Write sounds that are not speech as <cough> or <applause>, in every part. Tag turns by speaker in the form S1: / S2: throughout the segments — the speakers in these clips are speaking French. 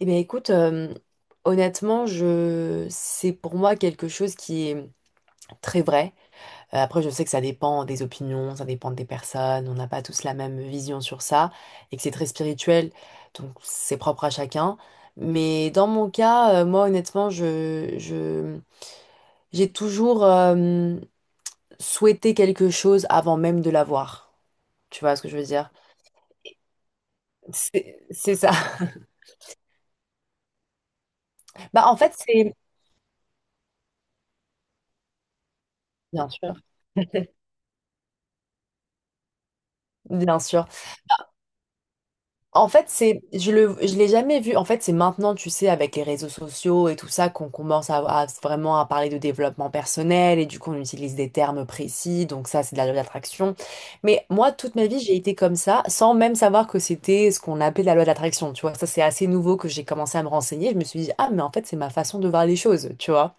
S1: Eh bien, écoute, honnêtement, je... c'est pour moi quelque chose qui est très vrai. Après, je sais que ça dépend des opinions, ça dépend des personnes, on n'a pas tous la même vision sur ça, et que c'est très spirituel, donc c'est propre à chacun. Mais dans mon cas, moi, honnêtement, j'ai toujours souhaité quelque chose avant même de l'avoir. Tu vois ce que je veux dire? C'est ça. <laughs> Bah, en fait, c'est... Bien sûr. Bien sûr. En fait, c'est, je l'ai jamais vu. En fait, c'est maintenant, tu sais, avec les réseaux sociaux et tout ça, qu'on commence à vraiment à parler de développement personnel et du coup, on utilise des termes précis. Donc ça, c'est de la loi d'attraction. Mais moi, toute ma vie, j'ai été comme ça, sans même savoir que c'était ce qu'on appelait la loi d'attraction. Tu vois, ça, c'est assez nouveau que j'ai commencé à me renseigner. Je me suis dit, ah, mais en fait, c'est ma façon de voir les choses. Tu vois.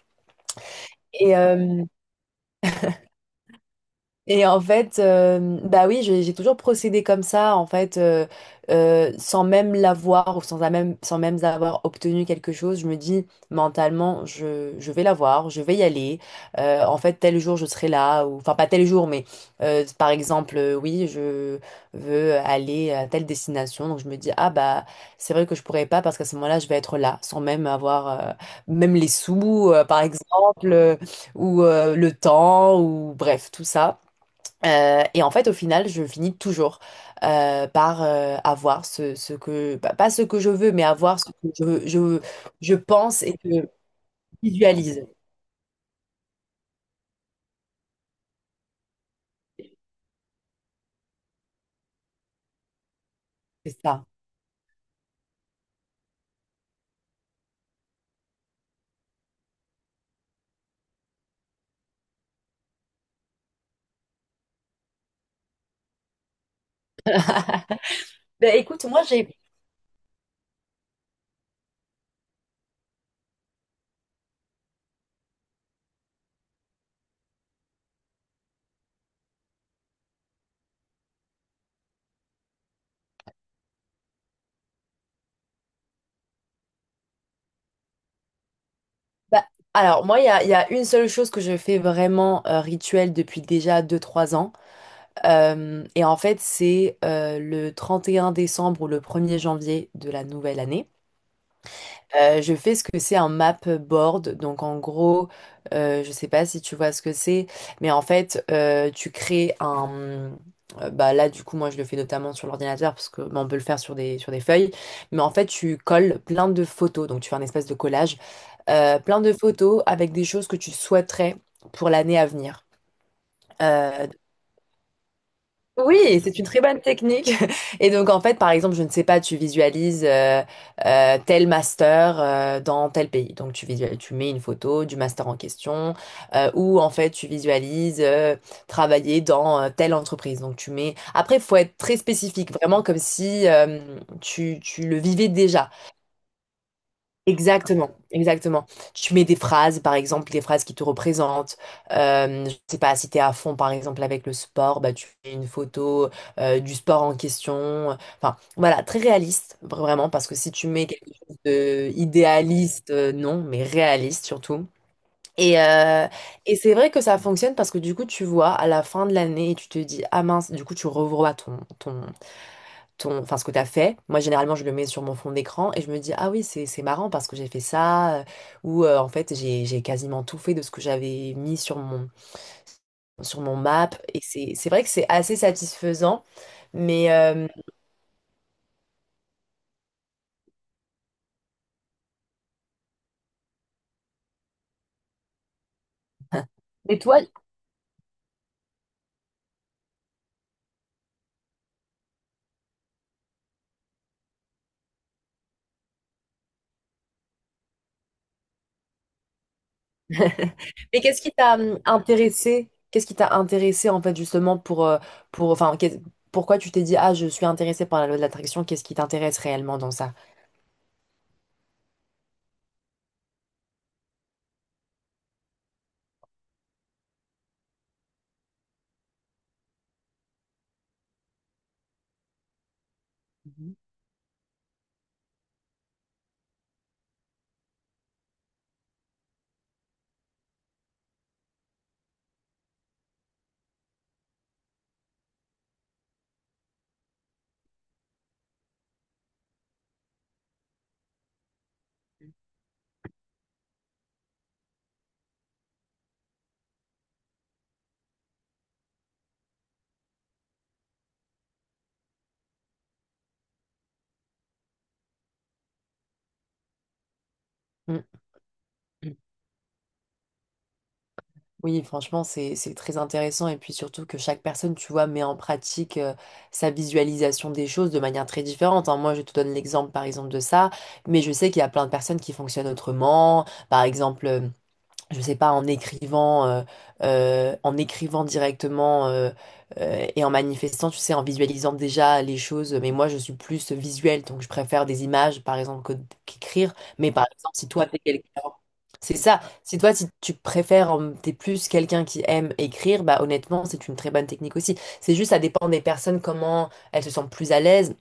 S1: Et, euh, Et en fait, bah oui, j'ai toujours procédé comme ça, en fait, sans même l'avoir ou sans, la même, sans même avoir obtenu quelque chose. Je me dis mentalement, je vais l'avoir, je vais y aller. En fait, tel jour, je serai là. Ou, enfin, pas tel jour, mais par exemple, oui, je veux aller à telle destination. Donc, je me dis, ah bah, c'est vrai que je pourrais pas parce qu'à ce moment-là, je vais être là, sans même avoir, même les sous, par exemple, ou le temps, ou bref, tout ça. Et en fait, au final, je finis toujours par avoir ce que, bah, pas ce que je veux, mais avoir ce que je, je, je pense et que je visualise. C'est ça. <laughs> Ben, écoute, moi j'ai. Bah, alors, moi, il y a une seule chose que je fais vraiment rituel depuis déjà deux trois ans. Et en fait, c'est le 31 décembre ou le 1er janvier de la nouvelle année. Je fais ce que c'est un map board. Donc en gros, je sais pas si tu vois ce que c'est, mais en fait, tu crées un... Bah là, du coup, moi, je le fais notamment sur l'ordinateur parce que bah, on peut le faire sur sur des feuilles. Mais en fait, tu colles plein de photos. Donc tu fais un espèce de collage. Plein de photos avec des choses que tu souhaiterais pour l'année à venir. Euh, oui, c'est une très bonne technique. <laughs> Et donc, en fait, par exemple, je ne sais pas, tu visualises tel master dans tel pays. Donc, tu visualises, tu mets une photo du master en question, ou en fait, tu visualises travailler dans telle entreprise. Donc, tu mets. Après, il faut être très spécifique, vraiment comme si tu le vivais déjà. Exactement, exactement. Tu mets des phrases, par exemple, des phrases qui te représentent. Je sais pas, si t'es à fond, par exemple, avec le sport, bah, tu fais une photo du sport en question. Enfin, voilà, très réaliste, vraiment, parce que si tu mets quelque chose de idéaliste, non, mais réaliste surtout. Et, euh, et c'est vrai que ça fonctionne parce que du coup, tu vois, à la fin de l'année, et tu te dis, ah mince, du coup, tu revois enfin, ce que tu as fait. Moi, généralement, je le mets sur mon fond d'écran et je me dis, ah oui, c'est marrant parce que j'ai fait ça, ou en fait, j'ai quasiment tout fait de ce que j'avais mis sur sur mon map. Et c'est vrai que c'est assez satisfaisant. Mais, euh, mais toi, mais qu'est-ce qui t'a intéressé? Qu'est-ce qui t'a intéressé en fait justement pour enfin, pourquoi tu t'es dit, ah, je suis intéressée par la loi de l'attraction, qu'est-ce qui t'intéresse réellement dans ça? Mhm. Mm. Oui, franchement, c'est très intéressant et puis surtout que chaque personne, tu vois, met en pratique sa visualisation des choses de manière très différente, hein. Moi, je te donne l'exemple, par exemple, de ça, mais je sais qu'il y a plein de personnes qui fonctionnent autrement. Par exemple, je sais pas, en écrivant directement et en manifestant, tu sais, en visualisant déjà les choses. Mais moi, je suis plus visuelle, donc je préfère des images, par exemple, qu'écrire. Mais par exemple, si toi, t'es quelqu'un... C'est ça. Si toi, si tu préfères, t'es plus quelqu'un qui aime écrire, bah honnêtement, c'est une très bonne technique aussi. C'est juste, ça dépend des personnes, comment elles se sentent plus à l'aise.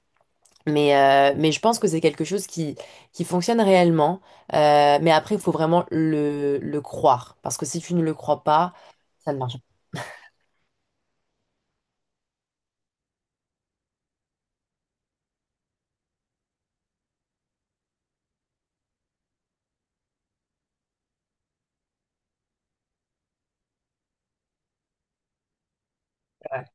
S1: Mais je pense que c'est quelque chose qui fonctionne réellement. Mais après, il faut vraiment le croire. Parce que si tu ne le crois pas, ça ne marche pas. Ouais.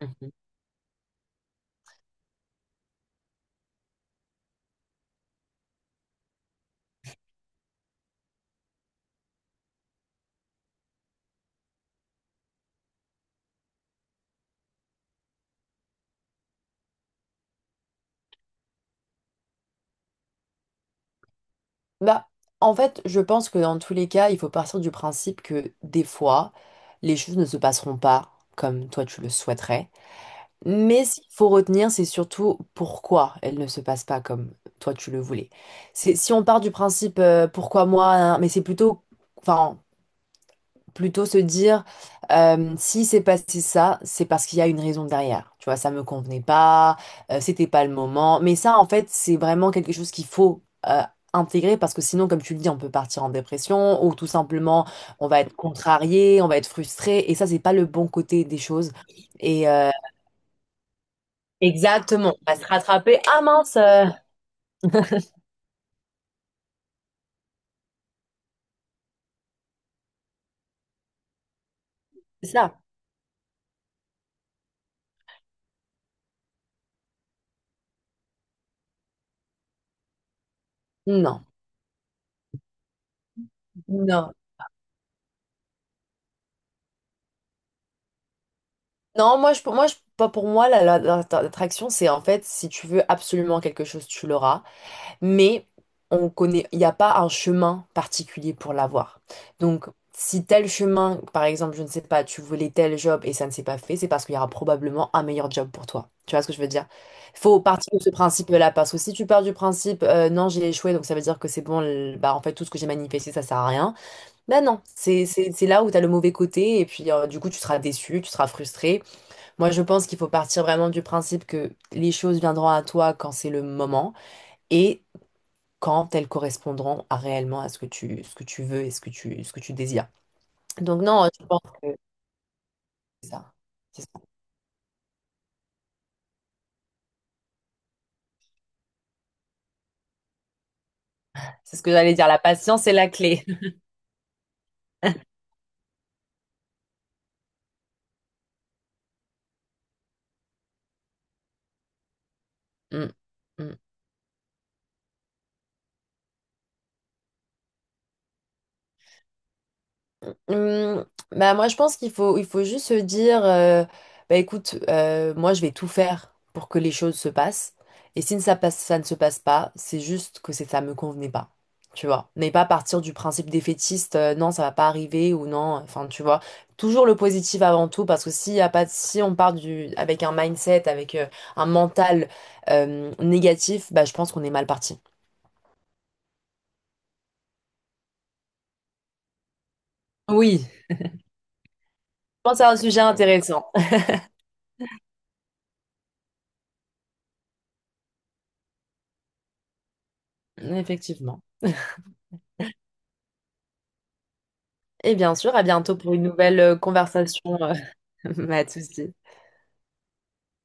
S1: Mhm. Bah, en fait, je pense que dans tous les cas, il faut partir du principe que des fois, les choses ne se passeront pas comme toi tu le souhaiterais. Mais ce qu'il faut retenir, c'est surtout pourquoi elles ne se passent pas comme toi tu le voulais. C'est, si on part du principe pourquoi moi, hein, mais c'est plutôt... Enfin, plutôt se dire si c'est passé ça, c'est parce qu'il y a une raison derrière. Tu vois, ça me convenait pas, c'était pas le moment. Mais ça, en fait, c'est vraiment quelque chose qu'il faut euh, intégrer parce que sinon, comme tu le dis, on peut partir en dépression ou tout simplement, on va être contrarié, on va être frustré. Et ça, c'est pas le bon côté des choses. Et euh, Exactement, on va se rattraper. Ah mince, c'est ça. Non, non. Non, pour moi, pas pour moi, l'attraction, c'est en fait, si tu veux absolument quelque chose, tu l'auras. Mais on connaît, il n'y a pas un chemin particulier pour l'avoir. Donc, si tel chemin, par exemple, je ne sais pas, tu voulais tel job et ça ne s'est pas fait, c'est parce qu'il y aura probablement un meilleur job pour toi. Tu vois ce que je veux dire? Il faut partir de ce principe-là, parce que si tu pars du principe, non, j'ai échoué, donc ça veut dire que c'est bon, bah, en fait, tout ce que j'ai manifesté, ça sert à rien. Ben non, c'est là où tu as le mauvais côté, et puis du coup, tu seras déçu, tu seras frustré. Moi, je pense qu'il faut partir vraiment du principe que les choses viendront à toi quand c'est le moment. Et quand elles correspondront à réellement à ce que tu veux et ce que tu désires. Donc non, je pense que c'est ça. C'est ça. C'est ce que j'allais dire, la patience est la clé. <laughs> Mm, mm. Hum, Bah moi je pense qu'il faut juste se dire bah écoute, moi je vais tout faire pour que les choses se passent et si ça passe ça ne se passe pas c'est juste que c'est ça me convenait pas, tu vois, mais pas partir du principe défaitiste, non ça va pas arriver ou non enfin tu vois toujours le positif avant tout parce que s'il y a pas de- si on part du avec un mindset avec un mental négatif bah je pense qu'on est mal parti. Oui. Je pense que c'est un sujet intéressant. <laughs> Effectivement. Et bien sûr, à bientôt pour une nouvelle conversation. <laughs> Pas de souci.